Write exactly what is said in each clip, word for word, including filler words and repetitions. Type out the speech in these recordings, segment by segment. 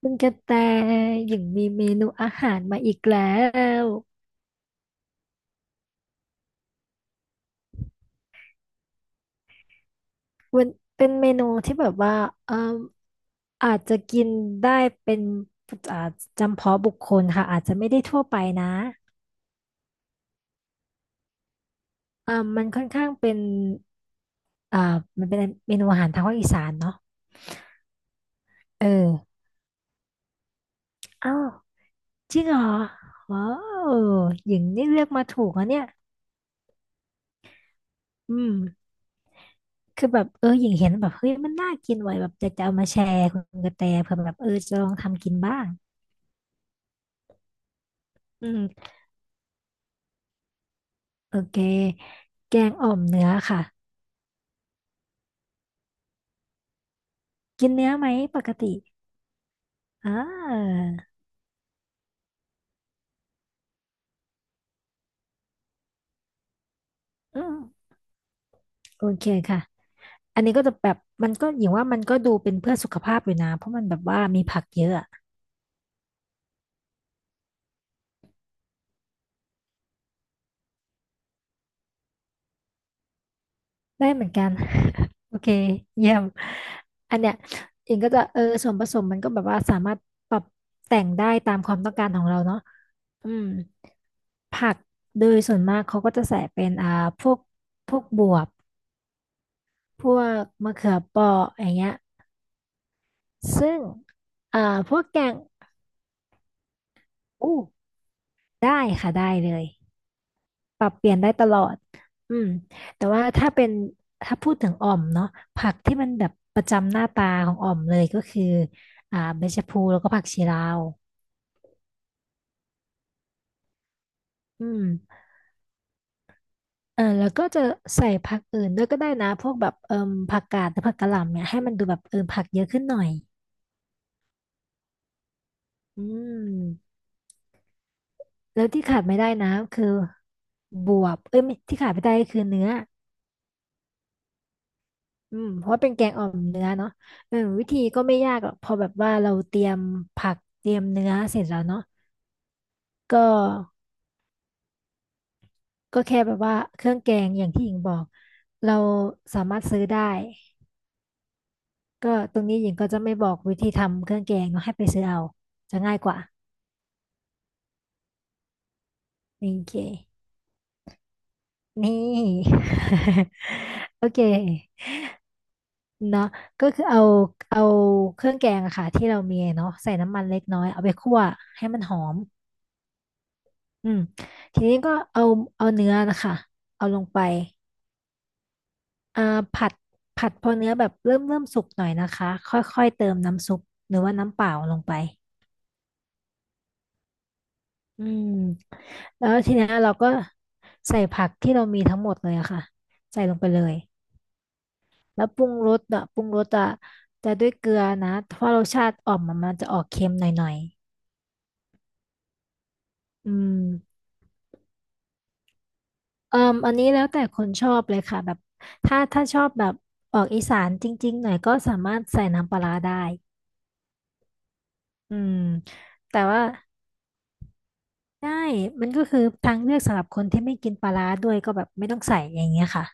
คุณกระแตอย่างมีเมนูอาหารมาอีกแล้วมันเป็นเมนูที่แบบว่าเอ่ออาจจะกินได้เป็นอาจำเพาะบุคคลค่ะอาจจะไม่ได้ทั่วไปนะอ่ามันค่อนข้างเป็นอ่ามันเป็นเมนูอาหารทางภาคอีสานเนาะเอออ้าวจริงเหรอว้าวหญิงนี่เลือกมาถูกอะเนี่ยอืมคือแบบเออหญิงเห็นแบบเฮ้ยมันน่ากินไว้แบบจะจะเอามาแชร์คุณกระแตเผื่อแบบเออจะลองทำกินบ้าง อืมโอเคแกงอ่อมเนื้อค่ะกินเนื้อไหมปกติอ่าอืมโอเคค่ะอันนี้ก็จะแบบมันก็อย่างว่ามันก็ดูเป็นเพื่อสุขภาพอยู่นะเพราะมันแบบว่ามีผักเยอะอะได้เหมือนกัน โอเคเยี่ยมอันเนี้ยอิงก็จะเออส่วนผสมมันก็แบบว่าสามารถปรับแต่งได้ตามความต้องการของเราเนาะอืมผักโดยส่วนมากเขาก็จะใส่เป็นอ่าพวกพวกบวบพวกมะเขือเปราะอย่างเงี้ย ซึ่งอ่าพวกแกงอู้ได้ค่ะได้เลยปรับเปลี่ยนได้ตลอดอืมแต่ว่าถ้าเป็นถ้าพูดถึงอ่อมเนาะผักที่มันแบบประจำหน้าตาของอ่อมเลยก็คืออ่าใบชะพลูแล้วก็ผักชีลาวอืมเออแล้วก็จะใส่ผักอื่นด้วยก็ได้นะพวกแบบเอ่มผักกาดหรือผักกะหล่ำเนี่ยให้มันดูแบบเออผักเยอะขึ้นหน่อยอืมแล้วที่ขาดไม่ได้นะคือบวบเอ้ยไม่ที่ขาดไม่ได้ก็คือเนื้อ อืมเพราะว่าเป็นแกงอ่อมเนื้อเนาะเออวิธีก็ไม่ยากหรอกพอแบบว่าเราเตรียมผักเตรียมเนื้อเสร็จแล้วเนาะก็ก็แค่แบบว่าเครื่องแกงอย่างที่หญิงบอกเราสามารถซื้อได้ก็ตรงนี้หญิงก็จะไม่บอกวิธีทำเครื่องแกงเนาะให้ไปซื้อเอาจะง่ายกว่าโอเคนี่ โอเคเนาะก็คือเอาเอาเครื่องแกงอะค่ะที่เรามีเนาะใส่น้ำมันเล็กน้อยเอาไปคั่วให้มันหอม อืมทีนี้ก็เอาเอาเนื้อนะคะเอาลงไปอ่าผัดผัดพอเนื้อแบบเริ่มเริ่มสุกหน่อยนะคะค่อยๆเติมน้ำซุปหรือว่าน้ำเปล่าลงไปอืมแล้วทีเนี้ยเราก็ใส่ผักที่เรามีทั้งหมดเลยอะค่ะใส่ลงไปเลยแล้วปรุงรสอะปรุงรสอะจะด้วยเกลือนะเพราะรสชาติอ่อมมันมันจะออกเค็มหน่อยๆอืม เอ่ออันนี้แล้วแต่คนชอบเลยค่ะแบบถ้าถ้าชอบแบบออกอีสานจริงๆหน่อยก็สามารถใส่น้ำปลาร้าได้อืมแต่ว่าได้มันก็คือทางเลือกสำหรับคนที่ไม่กินปลาร้าด้วยก็แบบไม่ต้องใส่อย่างเงี้ยค่ะ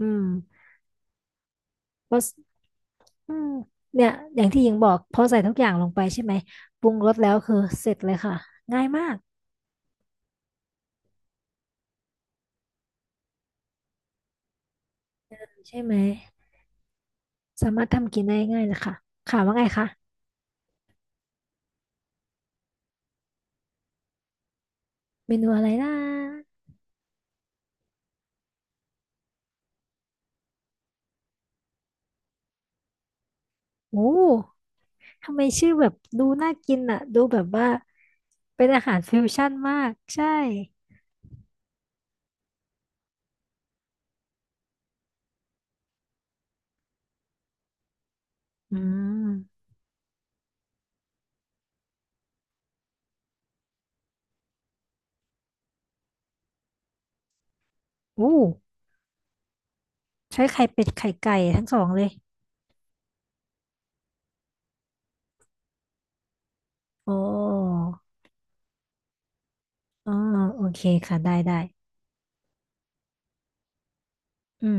อืมเพราะอืมเนี่ยอย่างที่หญิงบอกพอใส่ทุกอย่างลงไปใช่ไหมปรุงรสแล้วคือเสร็จเลยค่ะง่ายมากใช่ไหมสามารถทำกินได้ง่ายเลยค่ะค่ะว่าไงคะเมนูอะไรนะโอ้ ทำไมชื่อแบบดูน่ากินอ่ะดูแบบว่าเป็นอาหารฟิวชั่นมากใช่อืมอู้ใช้ไข่เป็ดไข่ไก่ทั้งสองเลยโอ้อ๋อโอเคค่ะได้ได้ อืม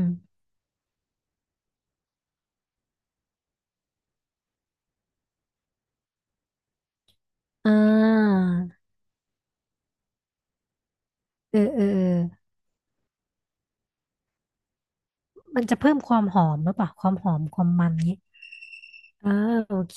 อ่าเออเออเออมันจะเพิ่มความหอมหรือเปล่าความหอมความมันนี้ยอ่าโอเค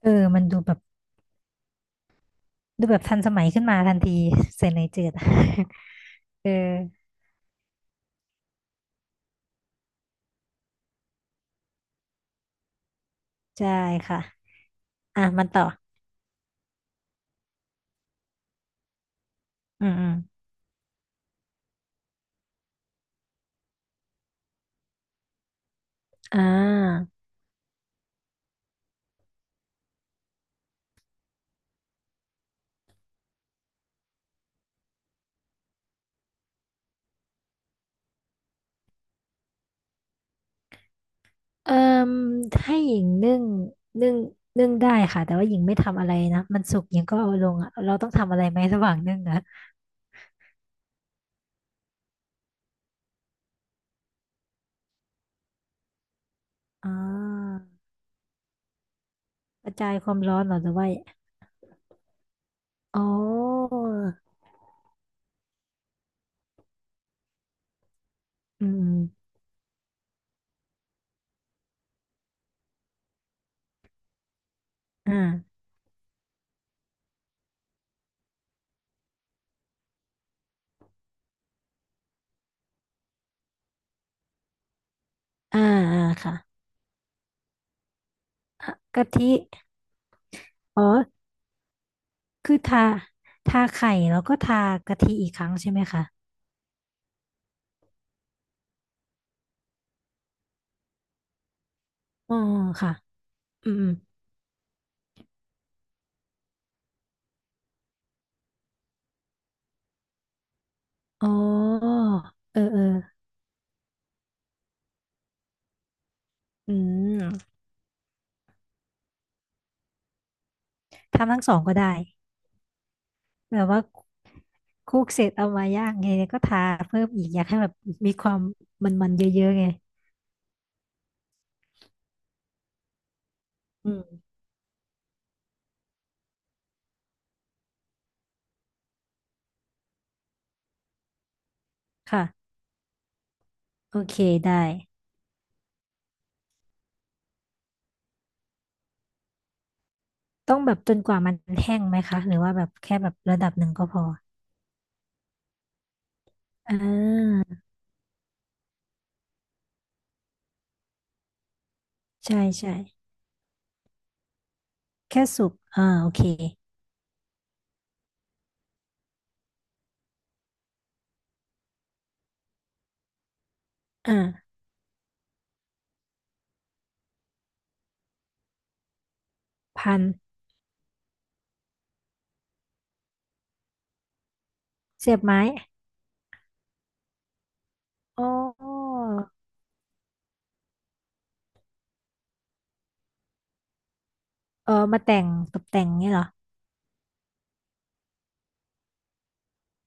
เออมันดูแบบดูแบบทันสมัยขึ้นมาทันทีใส่ในจืด เออใช่ค่ะอ่ะมันต่ออืมอืมอ่า เอ่มให้หญิงนึ่งนึ่งนึ่งได้ค่ะแต่ว่าหญิงไม่ทำอะไรนะมันสุกหญิงก็เอาลงอ่ะเราต้องทำอะไรไหมระหว่างนึ่งอ่ะอ่ากระจายความร้อนเหรอหรือว่าอ๋ออืมอืมอ่าอ่าอ่าค่ะอ่ะกะทิอ๋อคือทาทาไข่แล้วก็ทากะทิอีกครั้งใช่ไหมคะอ๋อค่ะอืมอมอ๋อเออเอออืมทำทั้งสองก็ได้ แบบว่าคลุกเสร็จเอามาย่างไงก็ทาเพิ่มอีกอยากให้แบบมีความมันๆเยอะๆไงอืมค่ะโอเคได้ต้องแบบจนกว่ามันแห้งไหมคะหรือว่าแบบแค่แบบระดับหนึ่งก็พออ่าใช่ใช่แค่สุกอ่าโอเคอ่าพันเสียบไม้อ๋อเออมาแต่งตกแต่งนี่เหรอ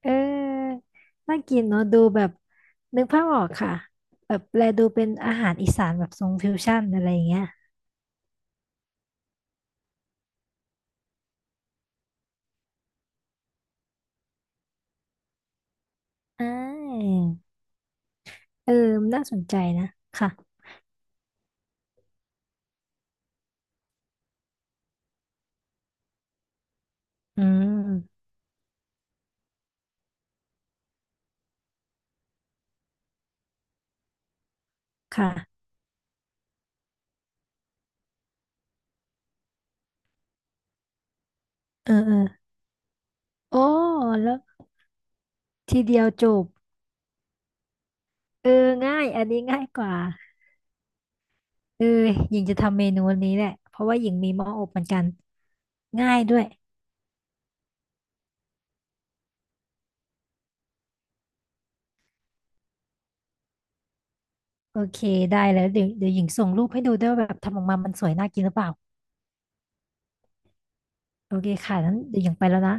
เออน่ากินเนาะดูแบบนึกภาพออกค่ะแบบแลดูเป็นอาหารอีสานแบบทรงฟิวชั่นอะไรอย่างเงี้ย อ่าเออน่าสนใจนะค่ะอืมค่ะเออเออโอ้แล้วทีเดียวจบเออง่ายอันนี้ง่ายกว่าเออหญิงจะทำเมนูนี้แหละเพราะว่าหญิงมีหม้ออบเหมือนกันง่ายด้วยโอเคได้แล้วเดี๋ยวเดี๋ยวหญิงส่งรูปให้ดูด้วยว่าแบบทำออกมามันสวยน่ากินหรือเปล่าโอเคค่ะนั้นเดี๋ยวหญิงไปแล้วนะ